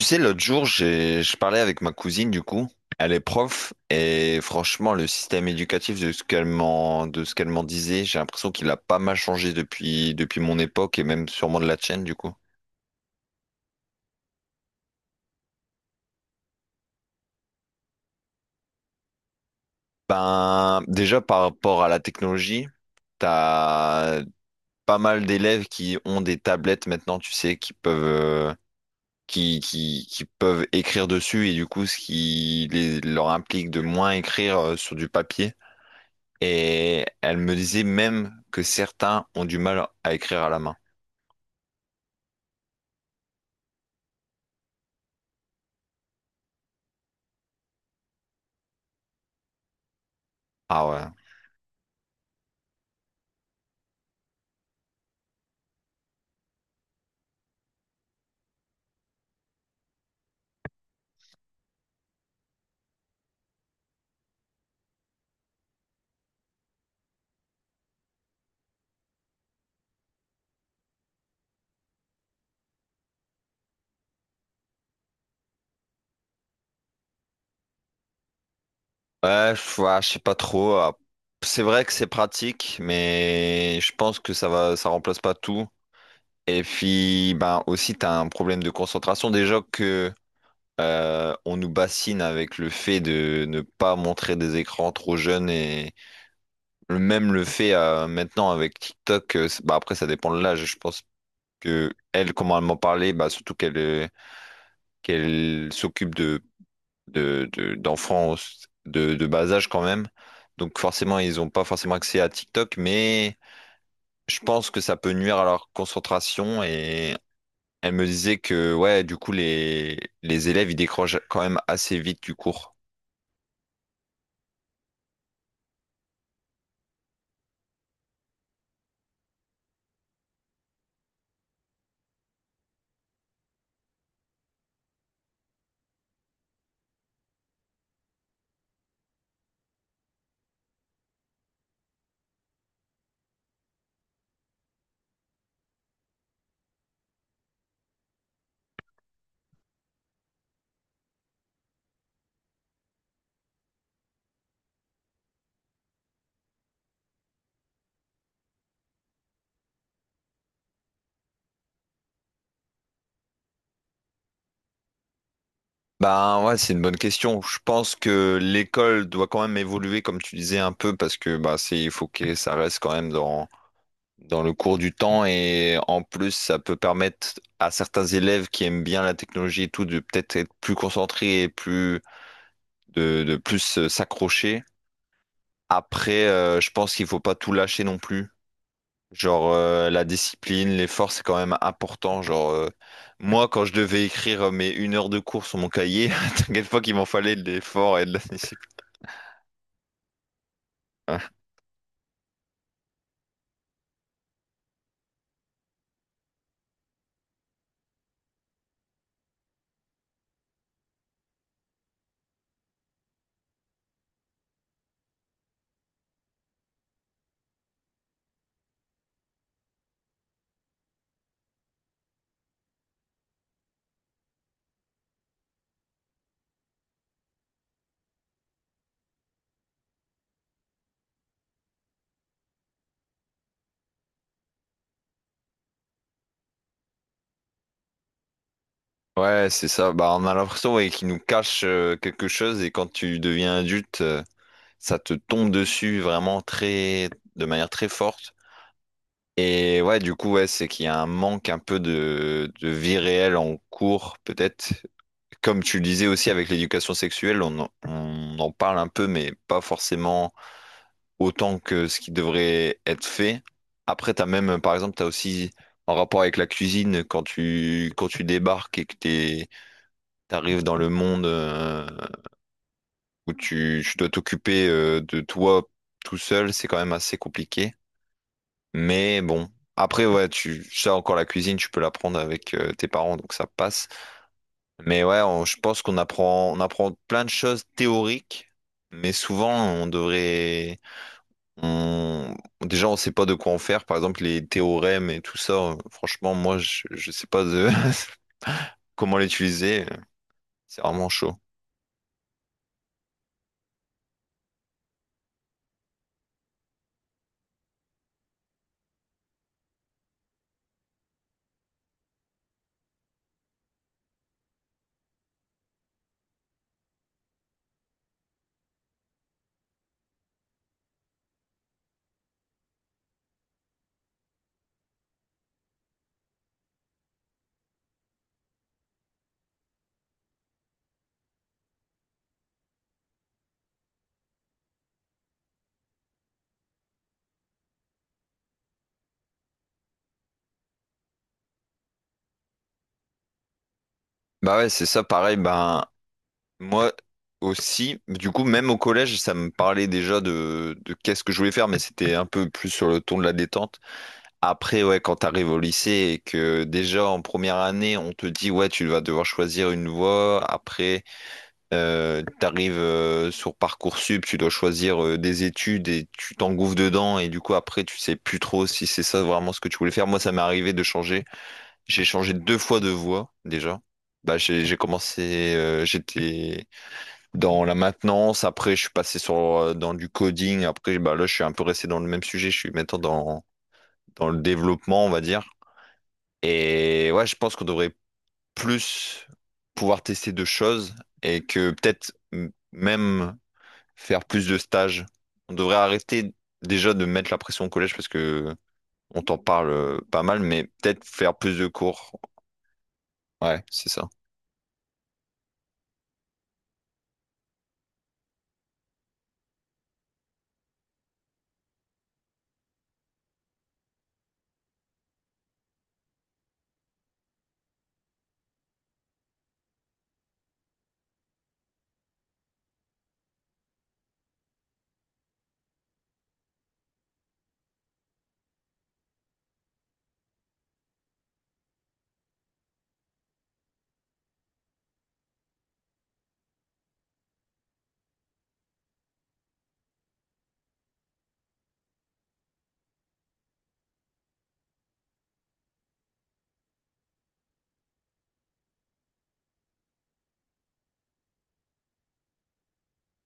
Tu sais, l'autre jour, je parlais avec ma cousine, du coup. Elle est prof, et franchement, le système éducatif de ce qu'elle m'en disait, j'ai l'impression qu'il a pas mal changé depuis mon époque, et même sûrement de la tienne, du coup. Ben, déjà, par rapport à la technologie, t'as pas mal d'élèves qui ont des tablettes maintenant, tu sais, qui peuvent écrire dessus, et du coup, ce qui leur implique de moins écrire sur du papier. Et elle me disait même que certains ont du mal à écrire à la main. Ah ouais. Ouais, je sais pas trop. C'est vrai que c'est pratique, mais je pense que ça remplace pas tout. Et puis, ben aussi, t'as un problème de concentration. Déjà que on nous bassine avec le fait de ne pas montrer des écrans trop jeunes et même le fait maintenant avec TikTok. Bah après, ça dépend de l'âge. Je pense que elle, comment elle m'en parlait, bah surtout qu'elle s'occupe d'enfants de bas âge quand même. Donc forcément, ils n'ont pas forcément accès à TikTok, mais je pense que ça peut nuire à leur concentration. Et elle me disait que ouais, du coup, les élèves, ils décrochent quand même assez vite du cours. Ben ouais, c'est une bonne question. Je pense que l'école doit quand même évoluer, comme tu disais un peu, parce que il faut que ça reste quand même dans le cours du temps, et en plus ça peut permettre à certains élèves qui aiment bien la technologie et tout de peut-être être plus concentrés et de plus s'accrocher. Après, je pense qu'il faut pas tout lâcher non plus. Genre la discipline, l'effort, c'est quand même important. Genre moi, quand je devais écrire mes une heure de cours sur mon cahier, t'inquiète pas qu'il m'en fallait de l'effort et de la discipline. Ouais, ouais, c'est ça. Bah, on a l'impression ouais, qu'il nous cache quelque chose, et quand tu deviens adulte, ça te tombe dessus de manière très forte. Et ouais, du coup, ouais, c'est qu'il y a un manque un peu de vie réelle en cours, peut-être. Comme tu le disais aussi avec l'éducation sexuelle, on en parle un peu, mais pas forcément autant que ce qui devrait être fait. Après, t'as même, par exemple, t'as aussi en rapport avec la cuisine, quand quand tu débarques et que t'arrives dans le monde où tu dois t'occuper de toi tout seul, c'est quand même assez compliqué. Mais bon, après, ouais, tu ça encore la cuisine, tu peux l'apprendre avec tes parents, donc ça passe. Mais ouais, je pense on apprend plein de choses théoriques, mais souvent on, déjà on sait pas de quoi en faire. Par exemple, les théorèmes et tout ça, franchement, je sais pas de comment l'utiliser. C'est vraiment chaud. Bah ouais, c'est ça, pareil. Ben moi aussi, du coup, même au collège, ça me parlait déjà de qu'est-ce que je voulais faire, mais c'était un peu plus sur le ton de la détente. Après, ouais, quand t'arrives au lycée et que déjà en première année, on te dit, ouais, tu vas devoir choisir une voie. Après, t'arrives sur Parcoursup, tu dois choisir des études et tu t'engouffres dedans. Et du coup, après, tu sais plus trop si c'est ça vraiment ce que tu voulais faire. Moi, ça m'est arrivé de changer. J'ai changé deux fois de voie déjà. Bah, j'ai commencé, j'étais dans la maintenance. Après, je suis passé sur dans du coding. Après, bah là, je suis un peu resté dans le même sujet. Je suis maintenant dans le développement, on va dire. Et ouais, je pense qu'on devrait plus pouvoir tester de choses et que peut-être même faire plus de stages. On devrait arrêter déjà de mettre la pression au collège parce que on t'en parle pas mal, mais peut-être faire plus de cours. Ouais, c'est ça.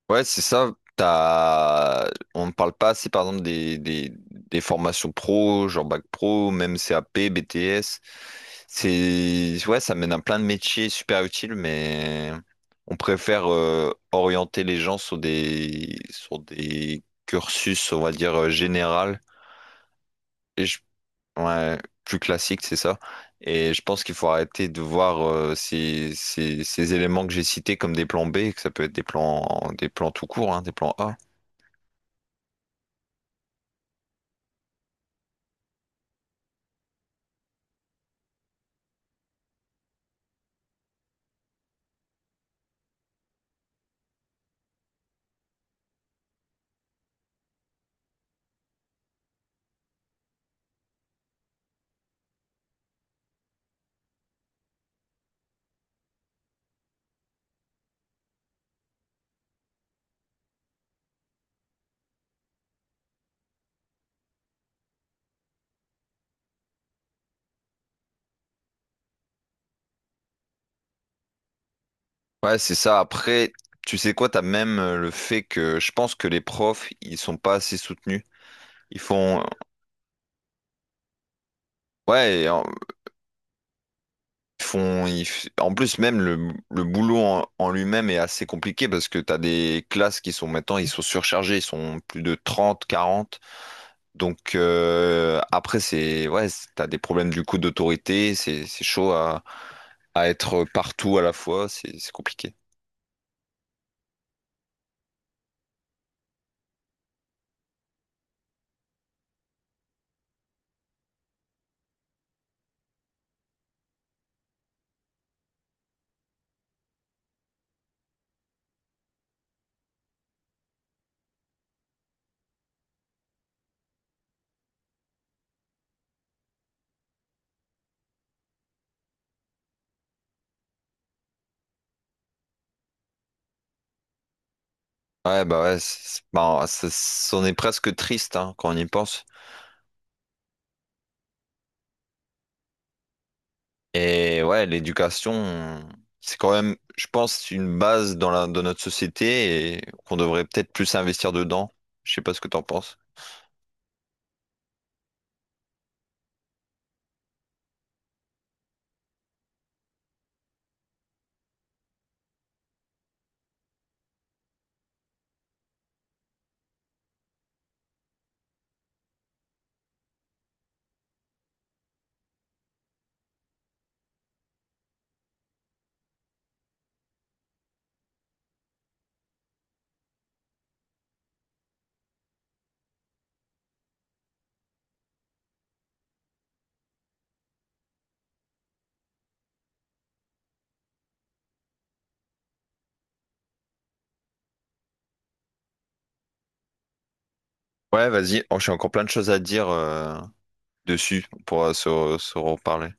Ouais, c'est ça. T'as... On ne parle pas assez, par exemple, des formations pro, genre bac pro, même CAP, BTS. C'est... Ouais, ça mène à plein de métiers super utiles, mais on préfère orienter les gens sur des cursus, on va dire, général. Et je... ouais, plus classique, c'est ça. Et je pense qu'il faut arrêter de voir ces éléments que j'ai cités comme des plans B, que ça peut être des plans tout court, hein, des plans A. Ouais, c'est ça. Après, tu sais quoi, t'as même le fait que je pense que les profs, ils sont pas assez soutenus. Ils font, ouais, et en- ils font, ils f- En plus, même le boulot en lui-même est assez compliqué parce que t'as des classes qui sont maintenant, ils sont surchargés, ils sont plus de 30, 40. Donc après, ouais, t'as des problèmes du coup d'autorité, c'est chaud à être partout à la fois, c'est compliqué. Ouais, bah ouais, bah, c'en est presque triste hein, quand on y pense. Et ouais, l'éducation, c'est quand même, je pense, une base dans dans notre société, et qu'on devrait peut-être plus investir dedans. Je sais pas ce que t'en penses. Ouais, vas-y. Oh, j'ai encore plein de choses à dire dessus. On pourra se reparler.